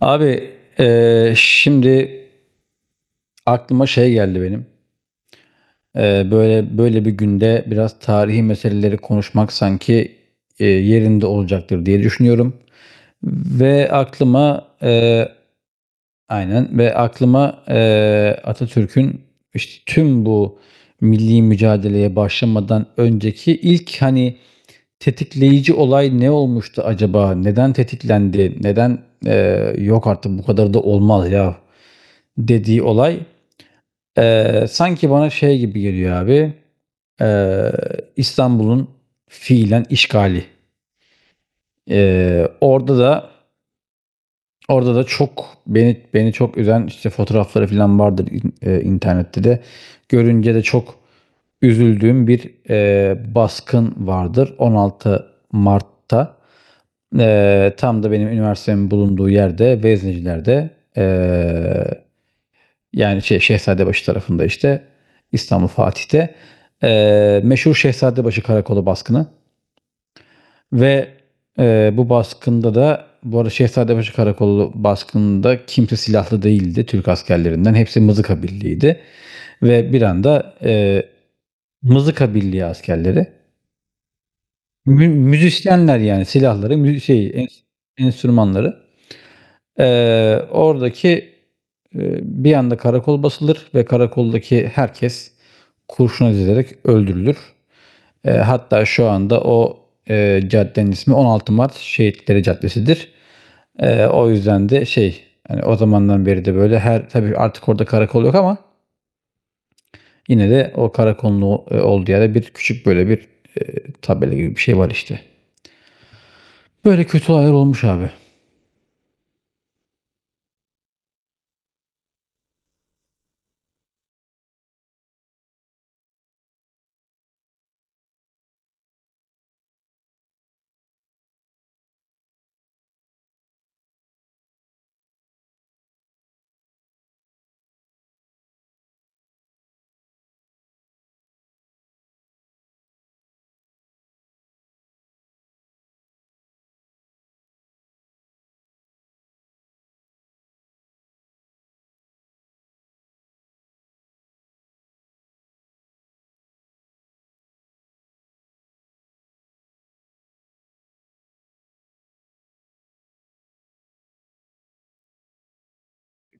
Abi, şimdi aklıma şey geldi benim. Böyle böyle bir günde biraz tarihi meseleleri konuşmak sanki yerinde olacaktır diye düşünüyorum. Ve aklıma Aynen, ve aklıma Atatürk'ün işte tüm bu milli mücadeleye başlamadan önceki ilk, hani, tetikleyici olay ne olmuştu acaba? Neden tetiklendi? Neden "yok artık bu kadar da olmaz ya" dediği olay... Sanki bana şey gibi geliyor abi, eee, İstanbul'un fiilen işgali. Eee, orada da orada da çok beni çok üzen, işte, fotoğrafları filan vardır internette de. Görünce de çok üzüldüğüm bir, baskın vardır. 16 Mart'ta, tam da benim üniversitemin bulunduğu yerde, Vezneciler'de, eee yani şey, Şehzadebaşı tarafında, işte, İstanbul Fatih'te, meşhur Şehzadebaşı Karakolu baskını. Ve bu baskında da, bu arada, Şehzadebaşı Karakolu baskında kimse silahlı değildi Türk askerlerinden. Hepsi mızıka birliğiydi. Ve bir anda, mızıka birliği askerleri, müzisyenler yani, silahları enstrümanları. Oradaki, e, bir anda karakol basılır ve karakoldaki herkes kurşuna dizilerek öldürülür. Hatta şu anda o, caddenin ismi 16 Mart Şehitleri Caddesi'dir. O yüzden de şey, yani o zamandan beri de böyle her, tabii artık orada karakol yok ama yine de o karakolun olduğu yerde bir küçük böyle bir, tabela gibi bir şey var işte. Böyle kötü olaylar olmuş abi.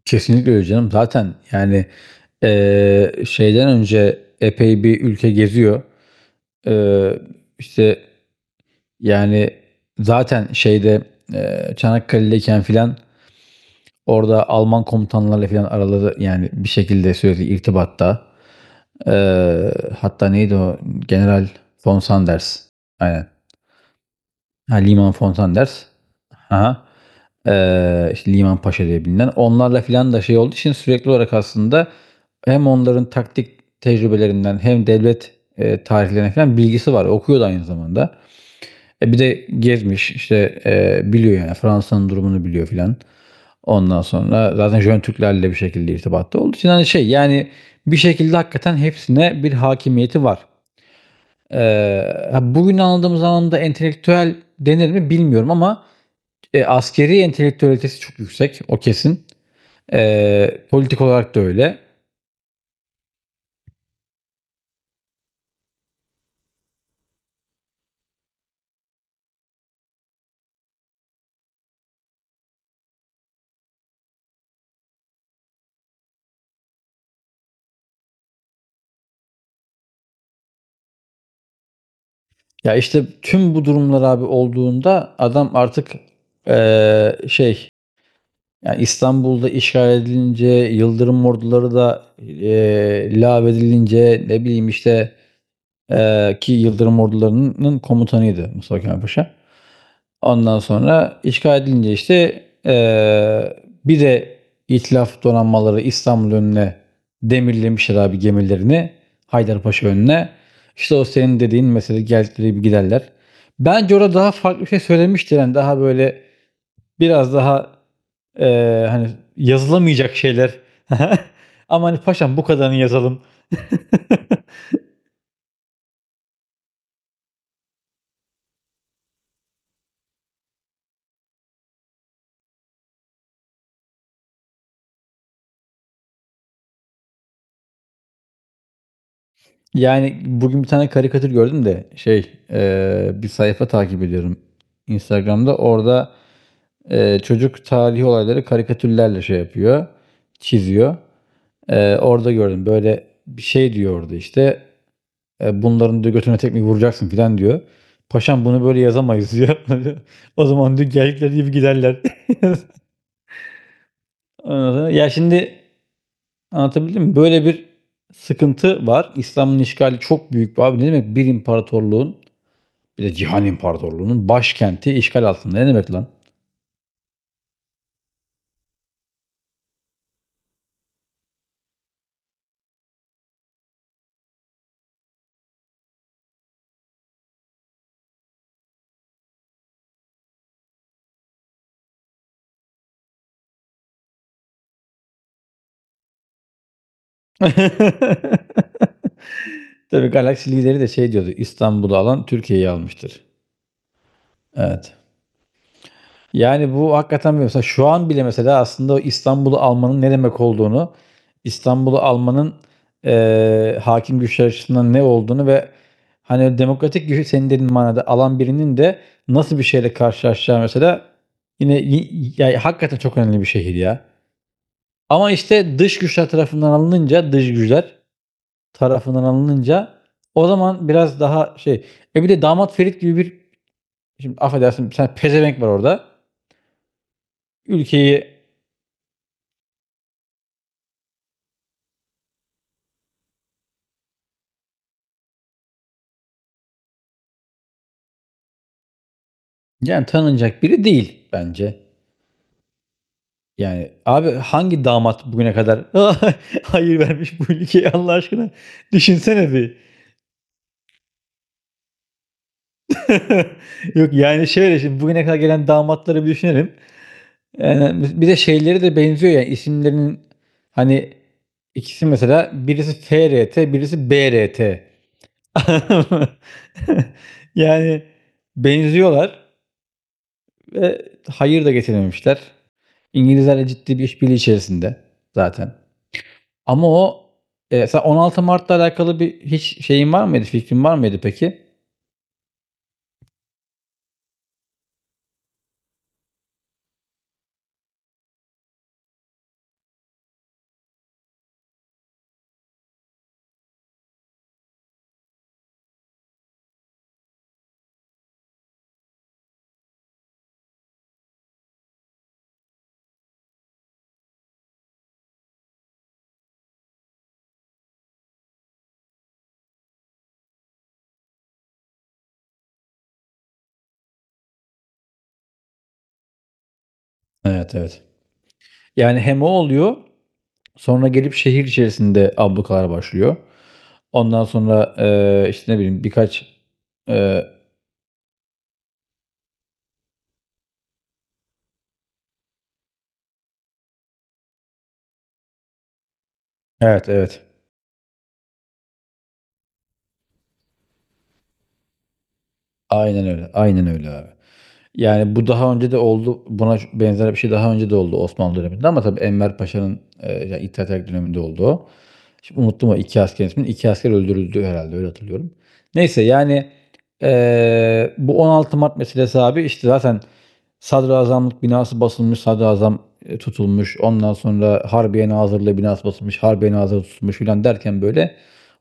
Kesinlikle öyle canım. Zaten yani, şeyden önce epey bir ülke geziyor. Eee, işte, yani, zaten şeyde, Çanakkale'deyken filan orada Alman komutanlarla filan araları, yani, bir şekilde sürekli irtibatta. Eee, Hatta, neydi o? General von Sanders. Aynen. Ha, Liman Fontanders. Hı hı. işte, Liman Paşa diye bilinen. Onlarla filan da şey olduğu için sürekli olarak aslında hem onların taktik tecrübelerinden hem devlet, tarihlerinden filan bilgisi var. Okuyor da aynı zamanda. Bir de gezmiş, işte, biliyor yani, Fransa'nın durumunu biliyor filan. Ondan sonra zaten Jön Türklerle bir şekilde irtibatta olduğu için, hani, şey, yani, bir şekilde hakikaten hepsine bir hakimiyeti var. Eee, Bugün anladığımız anlamda entelektüel denir mi bilmiyorum ama askeri entelektüelitesi çok yüksek. O kesin. Politik olarak da öyle. Ya işte tüm bu durumlar abi olduğunda adam artık, e, şey, yani İstanbul'da işgal edilince, Yıldırım orduları da lav edilince, ne bileyim işte, ki Yıldırım ordularının komutanıydı Mustafa Kemal Paşa. Ondan sonra işgal edilince, işte, bir de İtilaf donanmaları İstanbul önüne demirlemişler abi, gemilerini. Haydarpaşa önüne. İşte, o senin dediğin mesela, "geldikleri gibi giderler". Bence orada daha farklı bir şey söylemişti. Yani daha böyle, biraz daha hani, yazılamayacak şeyler. Ama hani paşam, bu kadarını yazalım. Yani bugün bir tane karikatür gördüm de, şey, bir sayfa takip ediyorum Instagram'da. Orada, çocuk tarihi olayları karikatürlerle şey yapıyor, çiziyor. Orada gördüm. Böyle bir şey diyor orada işte, "Bunların," diyor, "götüne tekmeyi vuracaksın," filan diyor. "Paşam bunu böyle yazamayız," diyor. "O zaman," diyor, "geldikleri gibi giderler." Ondan sonra, ya, şimdi anlatabildim mi? Böyle bir sıkıntı var. İslam'ın işgali çok büyük. Abi, ne demek bir imparatorluğun, bir de cihan imparatorluğunun başkenti işgal altında? Ne demek lan? Tabii Galaxy lideri de şey diyordu: "İstanbul'u alan Türkiye'yi almıştır." Evet. Yani bu hakikaten, bir mesela şu an bile, mesela aslında o İstanbul'u almanın ne demek olduğunu, İstanbul'u almanın hakim güçler açısından ne olduğunu ve hani demokratik gücü senin dediğin manada alan birinin de nasıl bir şeyle karşılaşacağı mesela, yine ya hakikaten çok önemli bir şehir ya. Ama işte dış güçler tarafından alınınca o zaman biraz daha şey. Bir de Damat Ferit gibi bir, şimdi affedersin sen, pezevenk var orada. Ülkeyi... Yani tanınacak biri değil bence. Yani abi, hangi damat bugüne kadar hayır vermiş bu ülkeye, Allah aşkına, düşünsene bir. Yok, yani şöyle, şimdi bugüne kadar gelen damatları bir düşünelim. Yani bir de şeyleri de benziyor yani, isimlerinin, hani, ikisi mesela, birisi FRT, birisi BRT. Yani, benziyorlar ve hayır da getirememişler. İngilizlerle ciddi bir işbirliği içerisinde zaten. Ama o, sen 16 Mart'la alakalı bir hiç şeyin var mıydı, fikrin var mıydı peki? Evet, evet. Yani hem o oluyor, sonra gelip şehir içerisinde ablukalar başlıyor. Ondan sonra, işte, ne bileyim birkaç, eee evet, evet. Aynen öyle. Aynen öyle abi. Yani bu daha önce de oldu. Buna benzer bir şey daha önce de oldu Osmanlı döneminde, ama tabii Enver Paşa'nın, ya, İttihat Terakki döneminde oldu o. Şimdi unuttum o 2 asker ismini. 2 asker öldürüldü herhalde, öyle hatırlıyorum. Neyse yani, bu 16 Mart meselesi abi, işte, zaten sadrazamlık binası basılmış, sadrazam, tutulmuş. Ondan sonra Harbiye Nazırlığı binası basılmış, Harbiye Nazırı tutulmuş filan derken, böyle,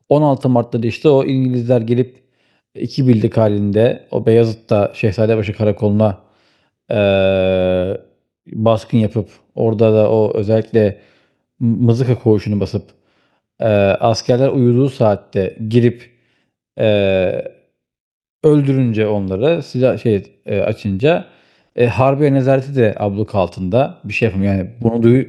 16 Mart'ta da, işte, o İngilizler gelip 2 bildik halinde o Beyazıt'ta Şehzadebaşı Karakolu'na, eee, baskın yapıp, orada da o özellikle Mızıka Koğuşu'nu basıp, eee, askerler uyuduğu saatte girip, eee, öldürünce onları, silah şey, açınca, Harbiye Nezareti de abluk altında. Bir şey yapamıyor yani, bunu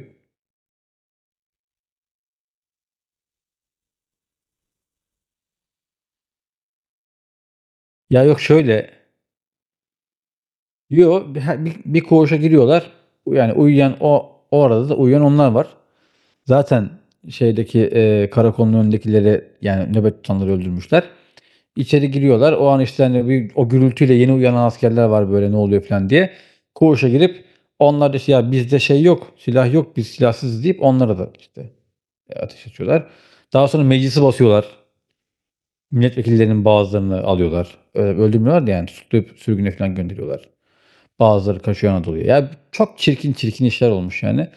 Ya, yok şöyle, her bir koğuşa giriyorlar. Yani uyuyan, o arada da uyuyan onlar var. Zaten şeydeki, karakolun önündekileri, yani nöbet tutanları öldürmüşler. İçeri giriyorlar. O an, işte, hani, bir o gürültüyle yeni uyanan askerler var, böyle, "Ne oluyor?" falan diye. Koğuşa girip onlar da, işte, "Ya, bizde şey yok, silah yok, biz silahsızız," deyip onlara da, işte, ateş açıyorlar. Daha sonra meclisi basıyorlar. Milletvekillerinin bazılarını alıyorlar. Öldürmüyorlar da, yani, tutuklayıp sürgüne falan gönderiyorlar. Bazıları kaçıyor Anadolu'ya. Ya çok çirkin çirkin işler olmuş yani.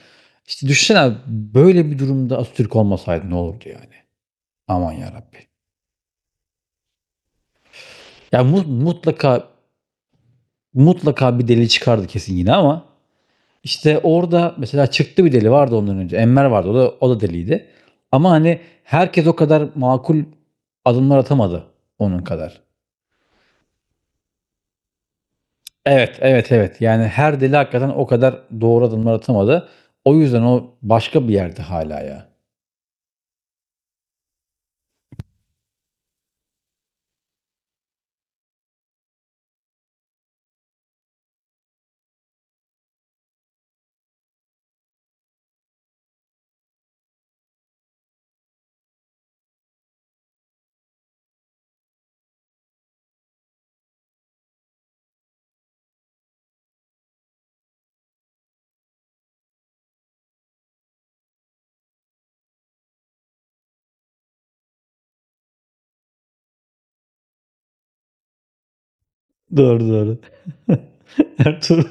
İşte düşünsene abi, böyle bir durumda Atatürk olmasaydı ne olurdu yani? Aman yarabbi. Ya mutlaka, mutlaka bir deli çıkardı kesin yine, ama işte orada mesela çıktı. Bir deli vardı ondan önce. Enver vardı, o da, o da deliydi. Ama hani herkes o kadar makul adımlar atamadı onun kadar. Evet, evet, evet. Yani her deli hakikaten o kadar doğru adımlar atamadı. O yüzden o başka bir yerde hala ya. Doğru, doğru. Ertuğrul.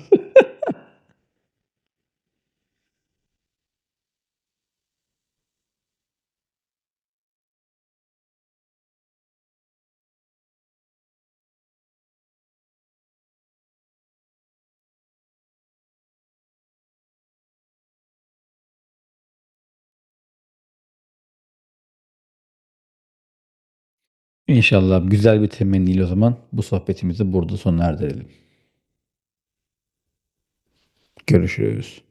İnşallah güzel bir temenniyle o zaman bu sohbetimizi burada sona erdirelim. Görüşürüz.